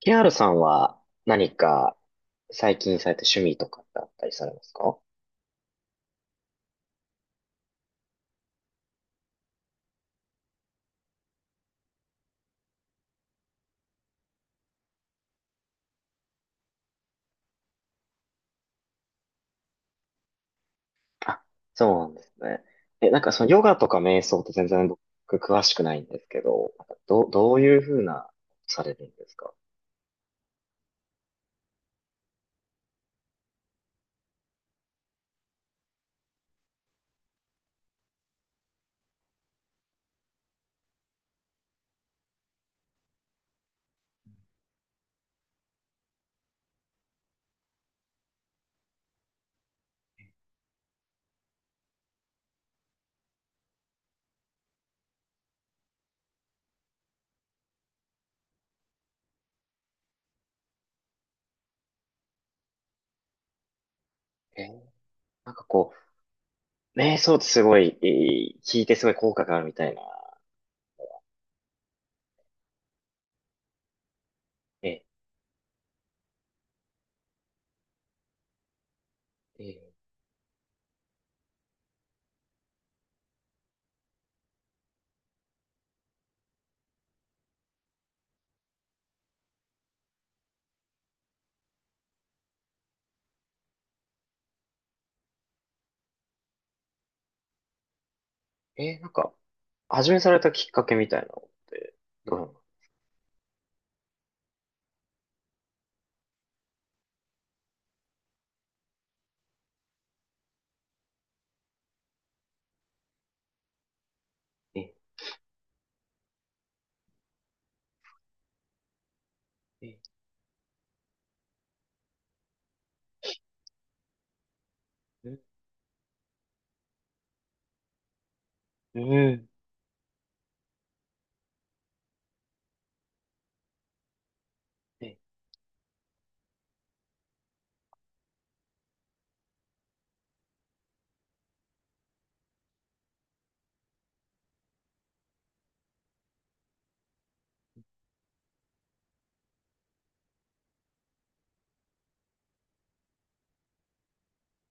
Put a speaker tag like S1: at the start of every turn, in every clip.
S1: ケーアールさんは何か最近された趣味とかってあったりされますか？あ、そうなんですね。なんかそのヨガとか瞑想って全然僕詳しくないんですけど、なんかどういうふうな、されるんですか？えーなんかこう、瞑想ってすごい、聞いてすごい効果があるみたいな。えー、えなんか、始めされたきっかけみたいなのって、どうなの？えー、えー、うん、うん、え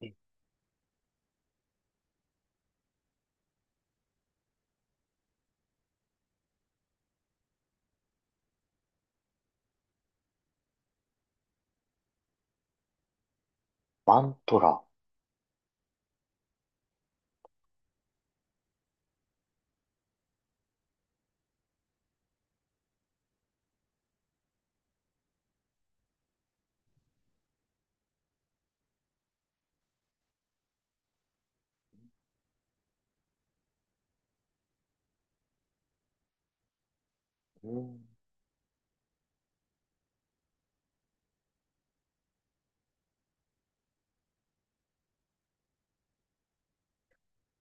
S1: ー、えーマントラ。うん、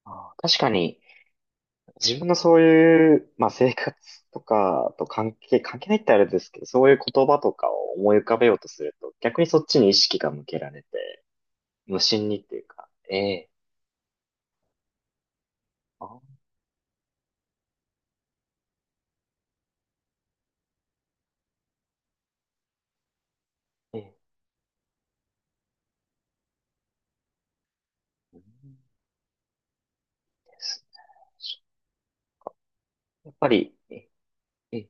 S1: あー確かに、自分のそういう、まあ、生活とかと関係ないってあれですけど、そういう言葉とかを思い浮かべようとすると、逆にそっちに意識が向けられて、無心にっていうか、ええ。あ、ええ、うんですね、やっぱり、ええ、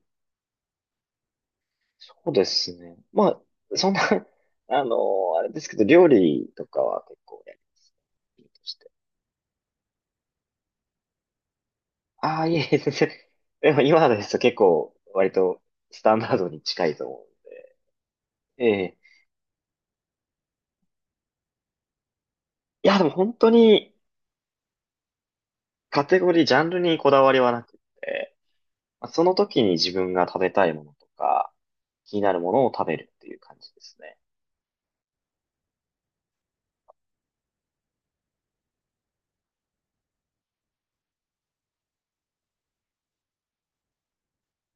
S1: そうですね。まあ、そんな、あの、あれですけど、料理とかは結構やります。料理として、ああ、いえいえ、全然。でも今のですと結構、割とスタンダードに近いと思う。ええ、いや、でも本当に、カテゴリー、ジャンルにこだわりはなくて、まあその時に自分が食べたいものとか、気になるものを食べるっていう感じですね。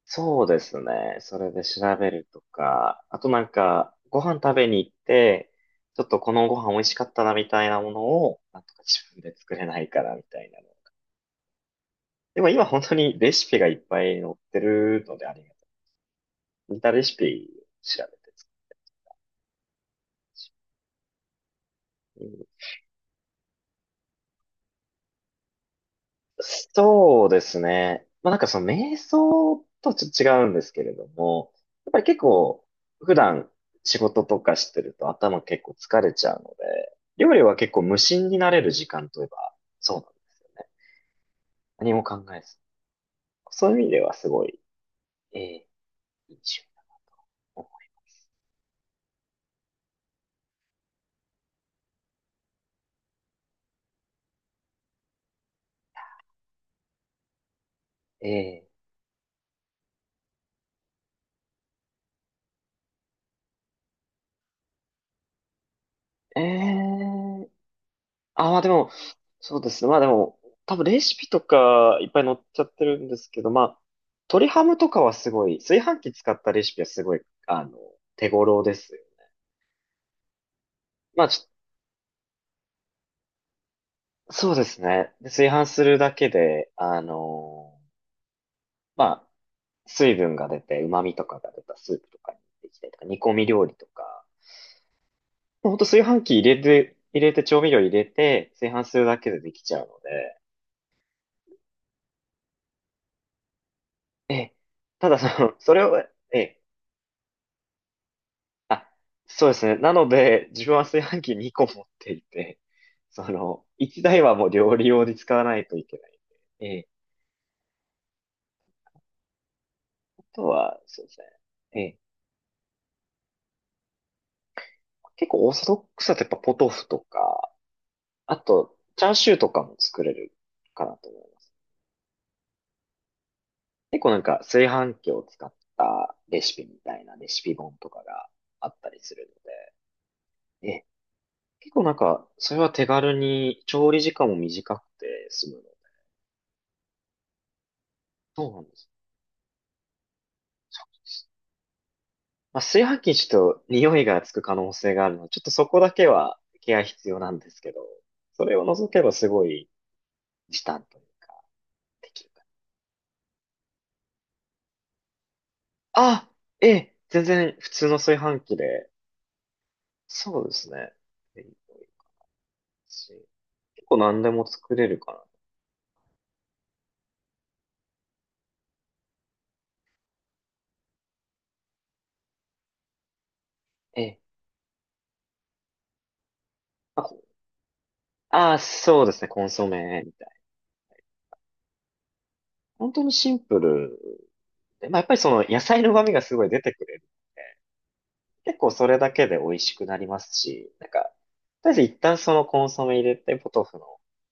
S1: そうですね。それで調べるとか、あとなんか、ご飯食べに行って、ちょっとこのご飯美味しかったなみたいなものを、なんとか自分で作れないかなみたいなの。でも今本当にレシピがいっぱい載ってるのでありがたい。似たレシピ調べて作る。そうですね。まあなんかその瞑想とちょっと違うんですけれども、やっぱり結構普段仕事とかしてると頭結構疲れちゃうので、料理は結構無心になれる時間といえばそうなんですよね。何も考えず。そういう意味ではすごい、ええいい趣味だ。ええ、ええ、あ、まあでも、そうですね。まあでも、多分レシピとかいっぱい載っちゃってるんですけど、まあ、鶏ハムとかはすごい、炊飯器使ったレシピはすごい、あの、手頃ですよ。まあ、そうですね。で炊飯するだけで、まあ、水分が出て、旨味とかが出たスープとかにできたりとか、煮込み料理とか、もうほんと炊飯器入れて、調味料入れて、炊飯するだけでできちゃうので、ええ、ただその、それを、ええ、あ、そうですね。なので、自分は炊飯器2個持っていて、その、1台はもう料理用に使わないといけない。ええ、あとは、そうですね。ええ、結構オーソドックスだとやっぱポトフとか、あと、チャーシューとかも作れるかなと思います。結構なんか炊飯器を使ったレシピみたいなレシピ本とかがあったりするので、ええ、結構なんか、それは手軽に調理時間も短くて済むの。そうなんです。まあ、炊飯器にちょっと匂いがつく可能性があるので、ちょっとそこだけはケア必要なんですけど、それを除けばすごい時短というか、できるかな。あ、ええ、全然普通の炊飯器で、そうですね。いいし結構何でも作れるかな。ええ。あ、こあ、そうですね。コンソメみたいな。本当にシンプルで。まあ、やっぱりその野菜の旨味がすごい出てくれる。結構それだけで美味しくなりますし、なんか、とりあえず一旦そのコンソメ入れて、ポトフの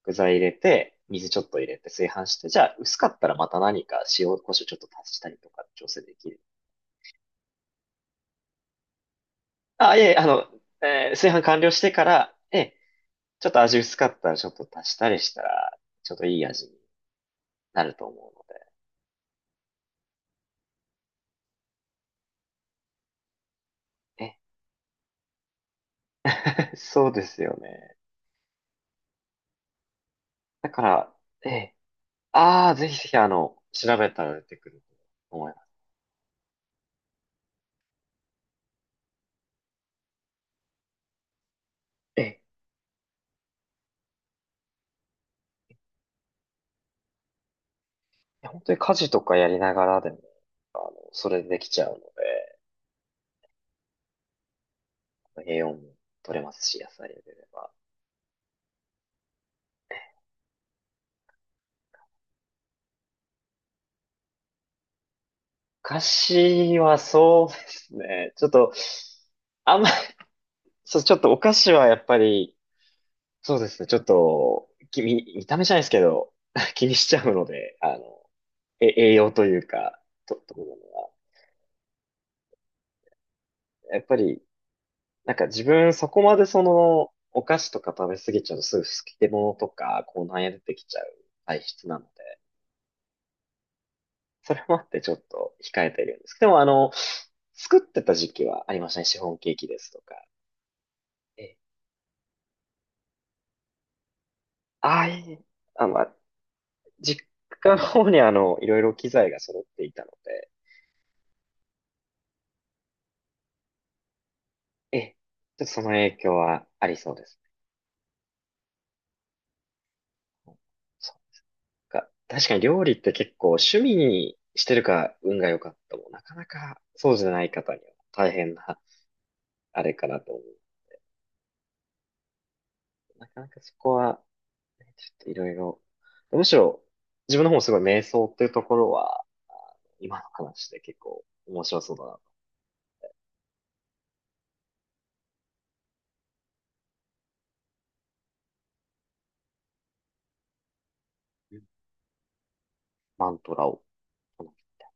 S1: 具材入れて、水ちょっと入れて炊飯して、じゃあ薄かったらまた何か塩、胡椒ちょっと足したりとか調整できる。あ、いえいえ、あの、炊飯完了してから、ええ、ちょっと味薄かったらちょっと足したりしたら、ちょっといい味になると思うので。え、そうですよね。だから、ええ、ああ、ぜひぜひあの、調べたら出てくると思います。ええ、本当に家事とかやりながらでも、あの、それでできちゃうので、栄養も取れますし、野菜でれば。お菓子はそうですね。ちょっと、あんまり、そう、ちょっとお菓子はやっぱり、そうですね。ちょっと、見た目じゃないですけど、気にしちゃうので、あの、え、栄養というか、ところが。やっぱり、なんか自分そこまでその、お菓子とか食べ過ぎちゃうとすぐ好き出物とか、こうなんや出てきちゃう体質なのでそれもあってちょっと控えてるんですけど、でもあの、作ってた時期はありましたね。シフォンケーキですとか。ええ、ああ、いい。あ、まあ、実家の方にあの、いろいろ機材が揃っていたので、ええ、ちょっとその影響はありそうですね。そっか。確かに料理って結構趣味にしてるか運が良かったもなかなかそうじゃない方には大変なあれかなと思う。なかなかそこはちょっといろいろ。むしろ、自分の方もすごい瞑想っていうところは、あの今の話で結構面白そうだなと。うん、マントラを唱えて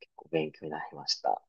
S1: 結構勉強になりました。